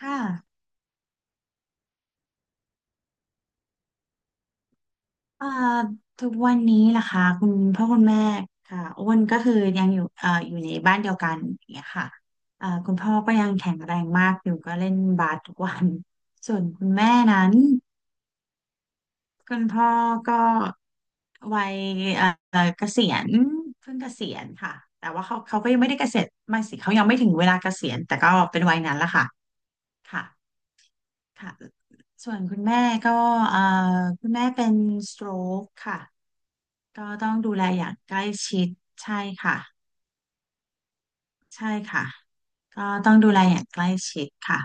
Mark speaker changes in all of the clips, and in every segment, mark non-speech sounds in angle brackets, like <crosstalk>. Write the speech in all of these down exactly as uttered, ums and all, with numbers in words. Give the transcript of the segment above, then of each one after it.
Speaker 1: ค่ะเอ่อทุกวันนี้นะคะคุณพ่อคุณแม่ค่ะอ้วนก็คือยังอยู่เอ่ออยู่ในบ้านเดียวกันอย่างเงี้ยค่ะเอ่อคุณพ่อก็ยังแข็งแรงมากอยู่ก็เล่นบาสทุกวัน <laughs> ส่วนคุณแม่นั้นคุณพ่อก็วัยเอ่อเกษียณเพิ่งเกษียณค่ะแต่ว่าเขาเขาก็ยังไม่ได้เกษียณไม่สิเขายังไม่ถึงเวลาเกษียณแต่ก็เป็นวัยนั้นละค่ะค่ะค่ะ ส่วนคุณแม่ก็เอ่อคุณแม่เป็น stroke ค่ะก็ต้องดูแลอย่างใกล้ชิดใช่ค่ะใช่ค่ะก็ต้องดูแลอย่างใกล้ชิดค่ะ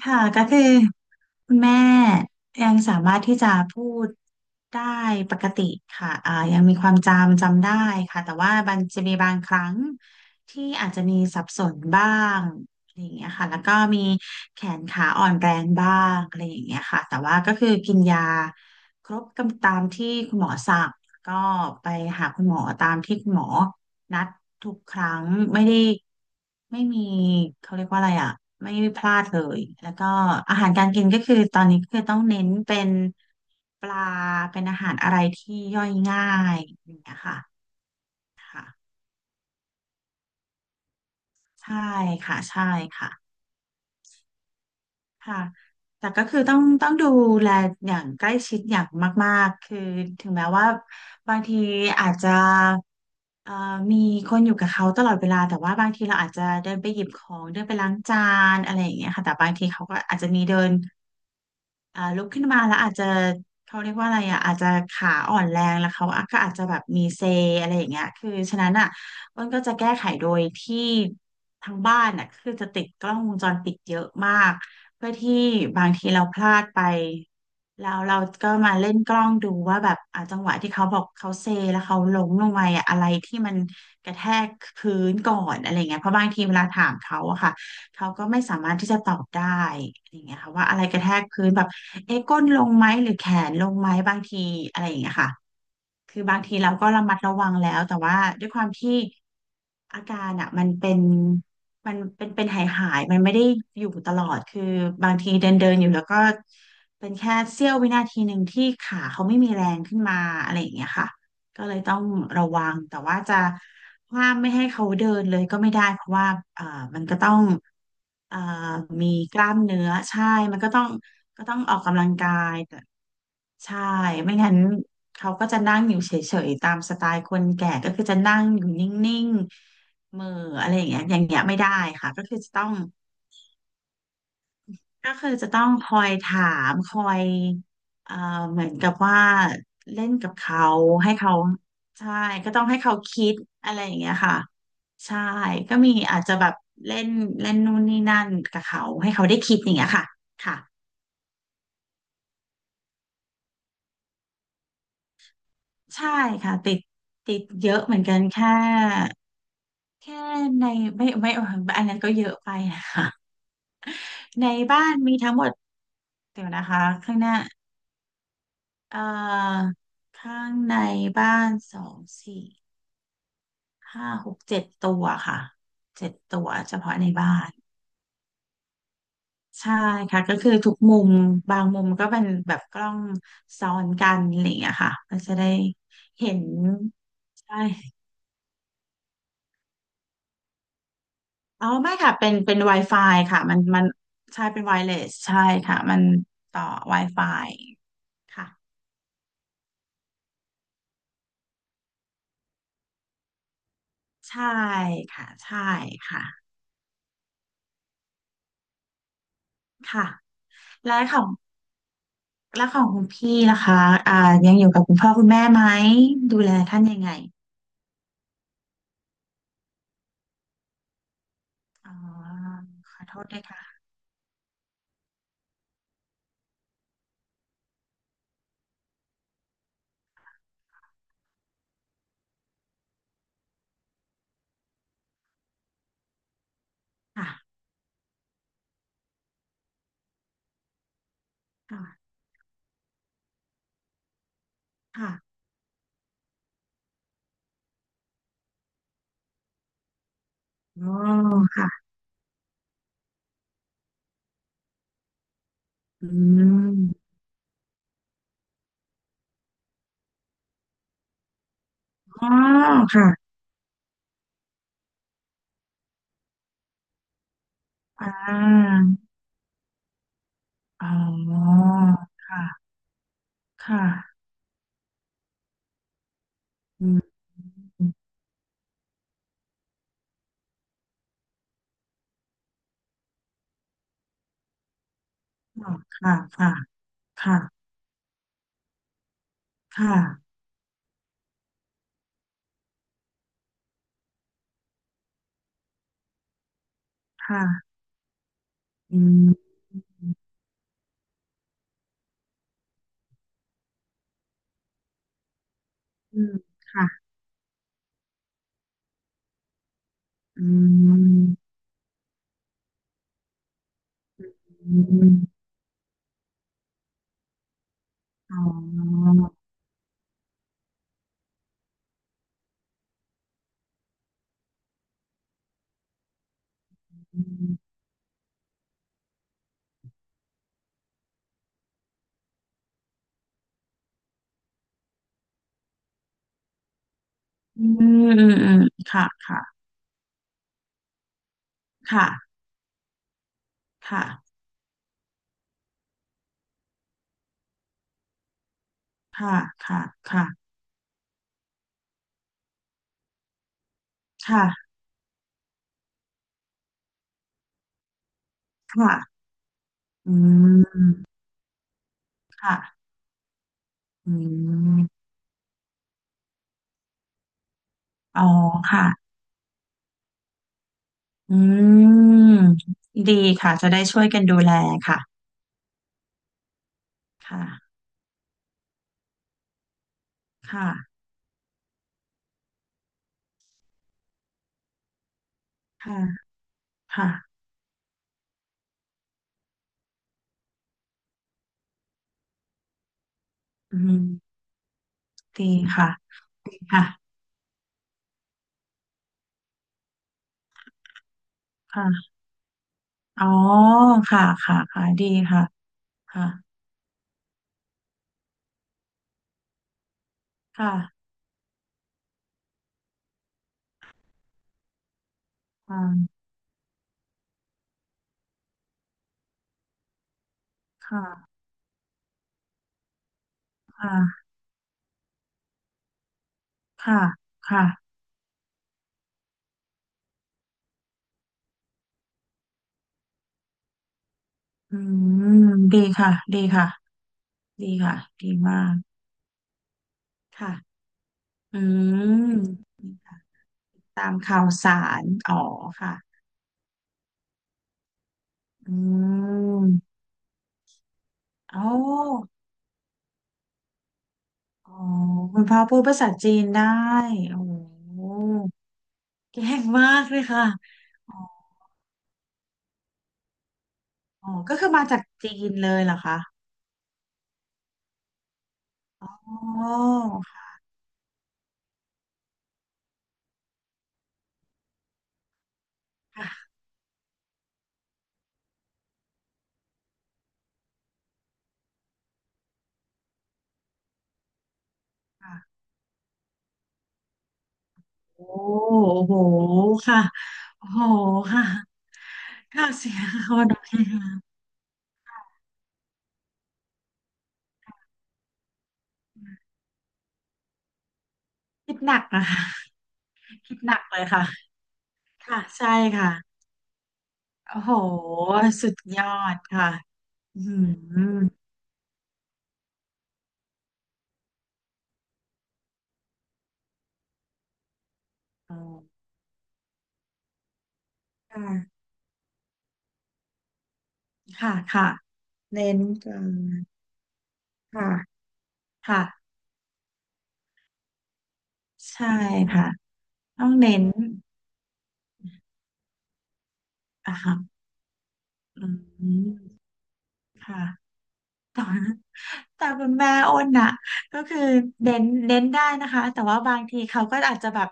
Speaker 1: ค่ะก็คือคุณแม่ยังสามารถที่จะพูดได้ปกติค่ะอ่ายังมีความจำจำได้ค่ะแต่ว่ามันจะมีบางครั้งที่อาจจะมีสับสนบ้างอะไรอย่างเงี้ยค่ะแล้วก็มีแขนขาอ่อนแรงบ้างอะไรอย่างเงี้ยค่ะแต่ว่าก็คือกินยาครบกำตามที่คุณหมอสั่งก็ไปหาคุณหมอตามที่คุณหมอ นัดทุกครั้งไม่ได้ไม่มีเขาเรียกว่าอะไรอ่ะไม่พลาดเลยแล้วก็อาหารการกินก็คือตอนนี้ก็คือต้องเน้นเป็นปลาเป็นอาหารอะไรที่ย่อยง่ายอย่างเงี้ยค่ะค่ะใช่ค่ะใช่ค่ะ ค่ะแต่ก็คือต้องต้องดูแลอย่างใกล้ชิดอย่างมากๆคือถึงแม้ว่าบางทีอาจจะเอ่อมีคนอยู่กับเขาตลอดเวลา แต่ว่าบางทีเราอาจจะเดินไปหยิบของเดินไปล้างจานอะไรอย่างเงี้ยค่ะ แต่บางทีเขาก็อาจจะมีเดิน อ่าลุกขึ้นมาแล้วอาจจะเขาเรียกว่าอะไรอ่ะอาจจะขาอ่อนแรงแล้วเขาก็อาจจะแบบมีเซอะไรอย่างเงี้ยคือฉะนั้นอ่ะอ้นก็จะแก้ไขโดยที่ทางบ้านอ่ะคือจะติดกล้องวงจรปิดเยอะมากเพื่อที่บางทีเราพลาดไปแล้วเราก็มาเล่นกล้องดูว่าแบบอ่ะจังหวะที่เขาบอกเขาเซแล้วเขาล้มลงไปอ่ะอะไรที่มันกระแทกพื้นก่อนอะไรเงี้ยเพราะบางทีเวลาถามเขาอะค่ะ เขาก็ไม่สามารถที่จะตอบได้อย่างเงี้ยค่ะว่าอะไรกระแทกพื้นแบบเอ๊ะก้นลงไหมหรือแขนลงไหมบางทีอะไรอย่างเงี้ยค่ะ คือบางทีเราก็ระมัดระวังแล้วแต่ว่าด้วยความที่อาการอ่ะมันเป็นมันเป็นเป็นหายหายมันไม่ได้อยู่ตลอดคือบางทีเดินเดินอยู่แล้วก็เป็นแค่เสี้ยววินาทีหนึ่งที่ขาเขาไม่มีแรงขึ้นมาอะไรอย่างเงี้ยค่ะก็เลยต้องระวังแต่ว่าจะห้ามไม่ให้เขาเดินเลยก็ไม่ได้เพราะว่าเอ่อมันก็ต้องเอ่อมีกล้ามเนื้อใช่มันก็ต้องก็ต้องออกกำลังกาย ใช่ไม่งั้นเขาก็จะนั่งอยู่เฉยๆตามสไตล์คนแก่ก็คือจะนั่งอยู่นิ่งๆเหม่ออะไรอย่างเงี้ยอย่างเงี้ยไม่ได้ค่ะก็คือจะต้องก็คือจะต้องคอยถามคอยเอ่อเหมือนกับว่าเล่นกับเขาให้เขาใช่ก็ต้องให้เขาคิดอะไรอย่างเงี้ยค่ะใช่ก็มีอาจจะแบบเล่นเล่นนู่นนี่นั่นกับเขาให้เขาได้คิดอย่างเงี้ยค่ะค่ะใช่ค่ะติดติดเยอะเหมือนกันแค่ แค่ในไม่ไม่เอออันนั้นก็เยอะไปนะคะในบ้านมีทั้งหมดเดี๋ยวนะคะข้างหน้าเอ่อข้างในบ้านสองสี่ห้าหกเจ็ดตัวค่ะเจ็ดตัวเฉพาะในบ้านใช่ค่ะก็คือทุกมุมบางมุมก็เป็นแบบกล้องซ้อนกันอะไรอย่างเงี้ยค่ะมันจะได้เห็นใช่อ๋อไม่ค่ะเป็นเป็น Wi-Fi ค่ะมันมันใช่เป็น wireless ใช่ค่ะมันต่อ Wi-Fi ค่ะ ใช่ค่ะใช่ค่ะค่ะแล้วของแล้วของคุณพี่นะคะอ่ายังอยู่กับคุณพ่อคุณแม่ไหมดูแลท่านยังไงอ๋อขอโทษด้วยค่ะค่ะค่ะค่ะอ๋อค่ะอืมอ๋อค่ะอ่าอ๋อค่ะค่ะอืมอ๋อค่ะค่ะค่ะค่ะค่ะอืมอืมค่ะอืม อ๋ออืมอืมอืมค่ะค่ะค่ะค่ะค่ะค่ะค่ะค่ะค่ะอืมค่ะอืมอ๋อค่ะอืมดีค่ะ จะได้ช่วยกันดูแลค่ะค่ะค่ะค่ะค่ะอืมดีค่ะค่ะค่ะอ๋อค่ะ ค่ะค่ะดีค่ะค่ะค่ะค่ะค่ะค่ะค่ะ อืมดีค่ะดีค่ะดีค่ะดีมากค่ะอืมตามข่าวสารอ๋อค่ะอืมโอ้อ๋อคุณพ่อพูดภาษาจีนได้โอ้โหเก่งมากเลยค่ะอ๋ออ๋อก็คือมาจากจีนเลยเหรอคะอ๋อค่ะค่ะโอ้โหค่ะโอ้โหค่ะข่าวเสียง <laughs> คนโอเคค่ะ <laughs> คิดหนักนะคะ คิดหนักเลยค่ะ ค่ะใช่ค่ะโอ้โหสุดยอดค่ะอืมอ๋อค่ะค่ะค่ะ เน้นกันค่ะค่ะ ใช่ค่ะ ต้องเน้นอ่ะค่ะอืมค่ะต่อ แต่คุณแม่อ้นน่ะก็คือเน้นเน้นได้นะคะแต่ว่าบางทีเขาก็อาจจะแบบ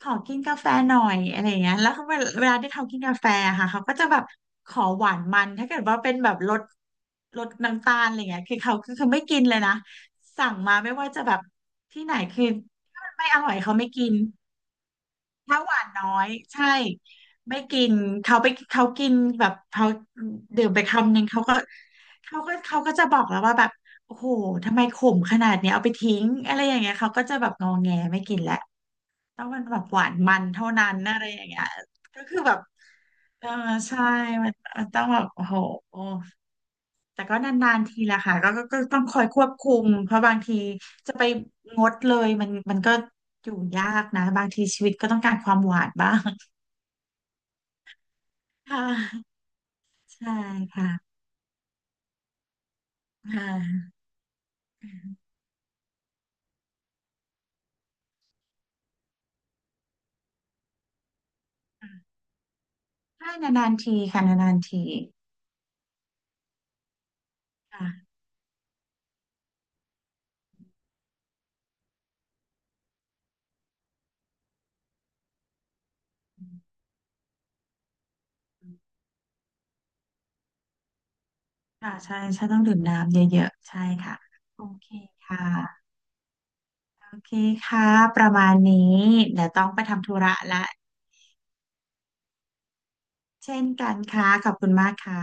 Speaker 1: ขอกินกาแฟหน่อยอะไรอย่างเงี้ยแล้วเขาเวลาเวลาที่เขากินกาแฟอะค่ะเขาก็จะแบบขอหวานมันถ้าเกิดว่าเป็นแบบรดลดน้ำตาลอะไรเงี้ยคือเขาก็คือไม่กินเลยนะสั่งมาไม่ว่าจะแบบที่ไหนคือถ้ามันไม่อร่อยเขาไม่กิน ถ้าหวานน้อยใช่ไม่กินเขาไปเขากินแบบเขาดื่มไปคำหนึ่งเขาก็เขาก็เขาก็จะบอกแล้วว่าแบบโอ้โหทำไมขมขนาดเนี้ยเอาไปทิ้งอะไรอย่างเงี้ยเขาก็จะแบบงอแงไม่กินแล้วต้องมันแบบหวานมันเท่านั้นอะไรอย่างเงี้ยก็คือแบบเออใช่มันมันต้องแบบโอ้โหแต่ก็นานๆทีละค่ะก็ก็ก็ต้องคอยควบคุมเพราะบางทีจะไปงดเลยมันมันก็อยู่ยากนะบางทีชีวิตก็ต้องการความหวานบ้าง ค่ะใช่ค่ะค่ะใช่นานๆทีค่ะนานๆทีค่ะค่ะใช่ใช่ต้องดื่มน้ำเยอะๆใช่ค่ะโอเคค่ะโอเคค่ะประมาณนี้เดี๋ยวต้องไปทำธุระละเช่นกันค่ะขอบคุณมากค่ะ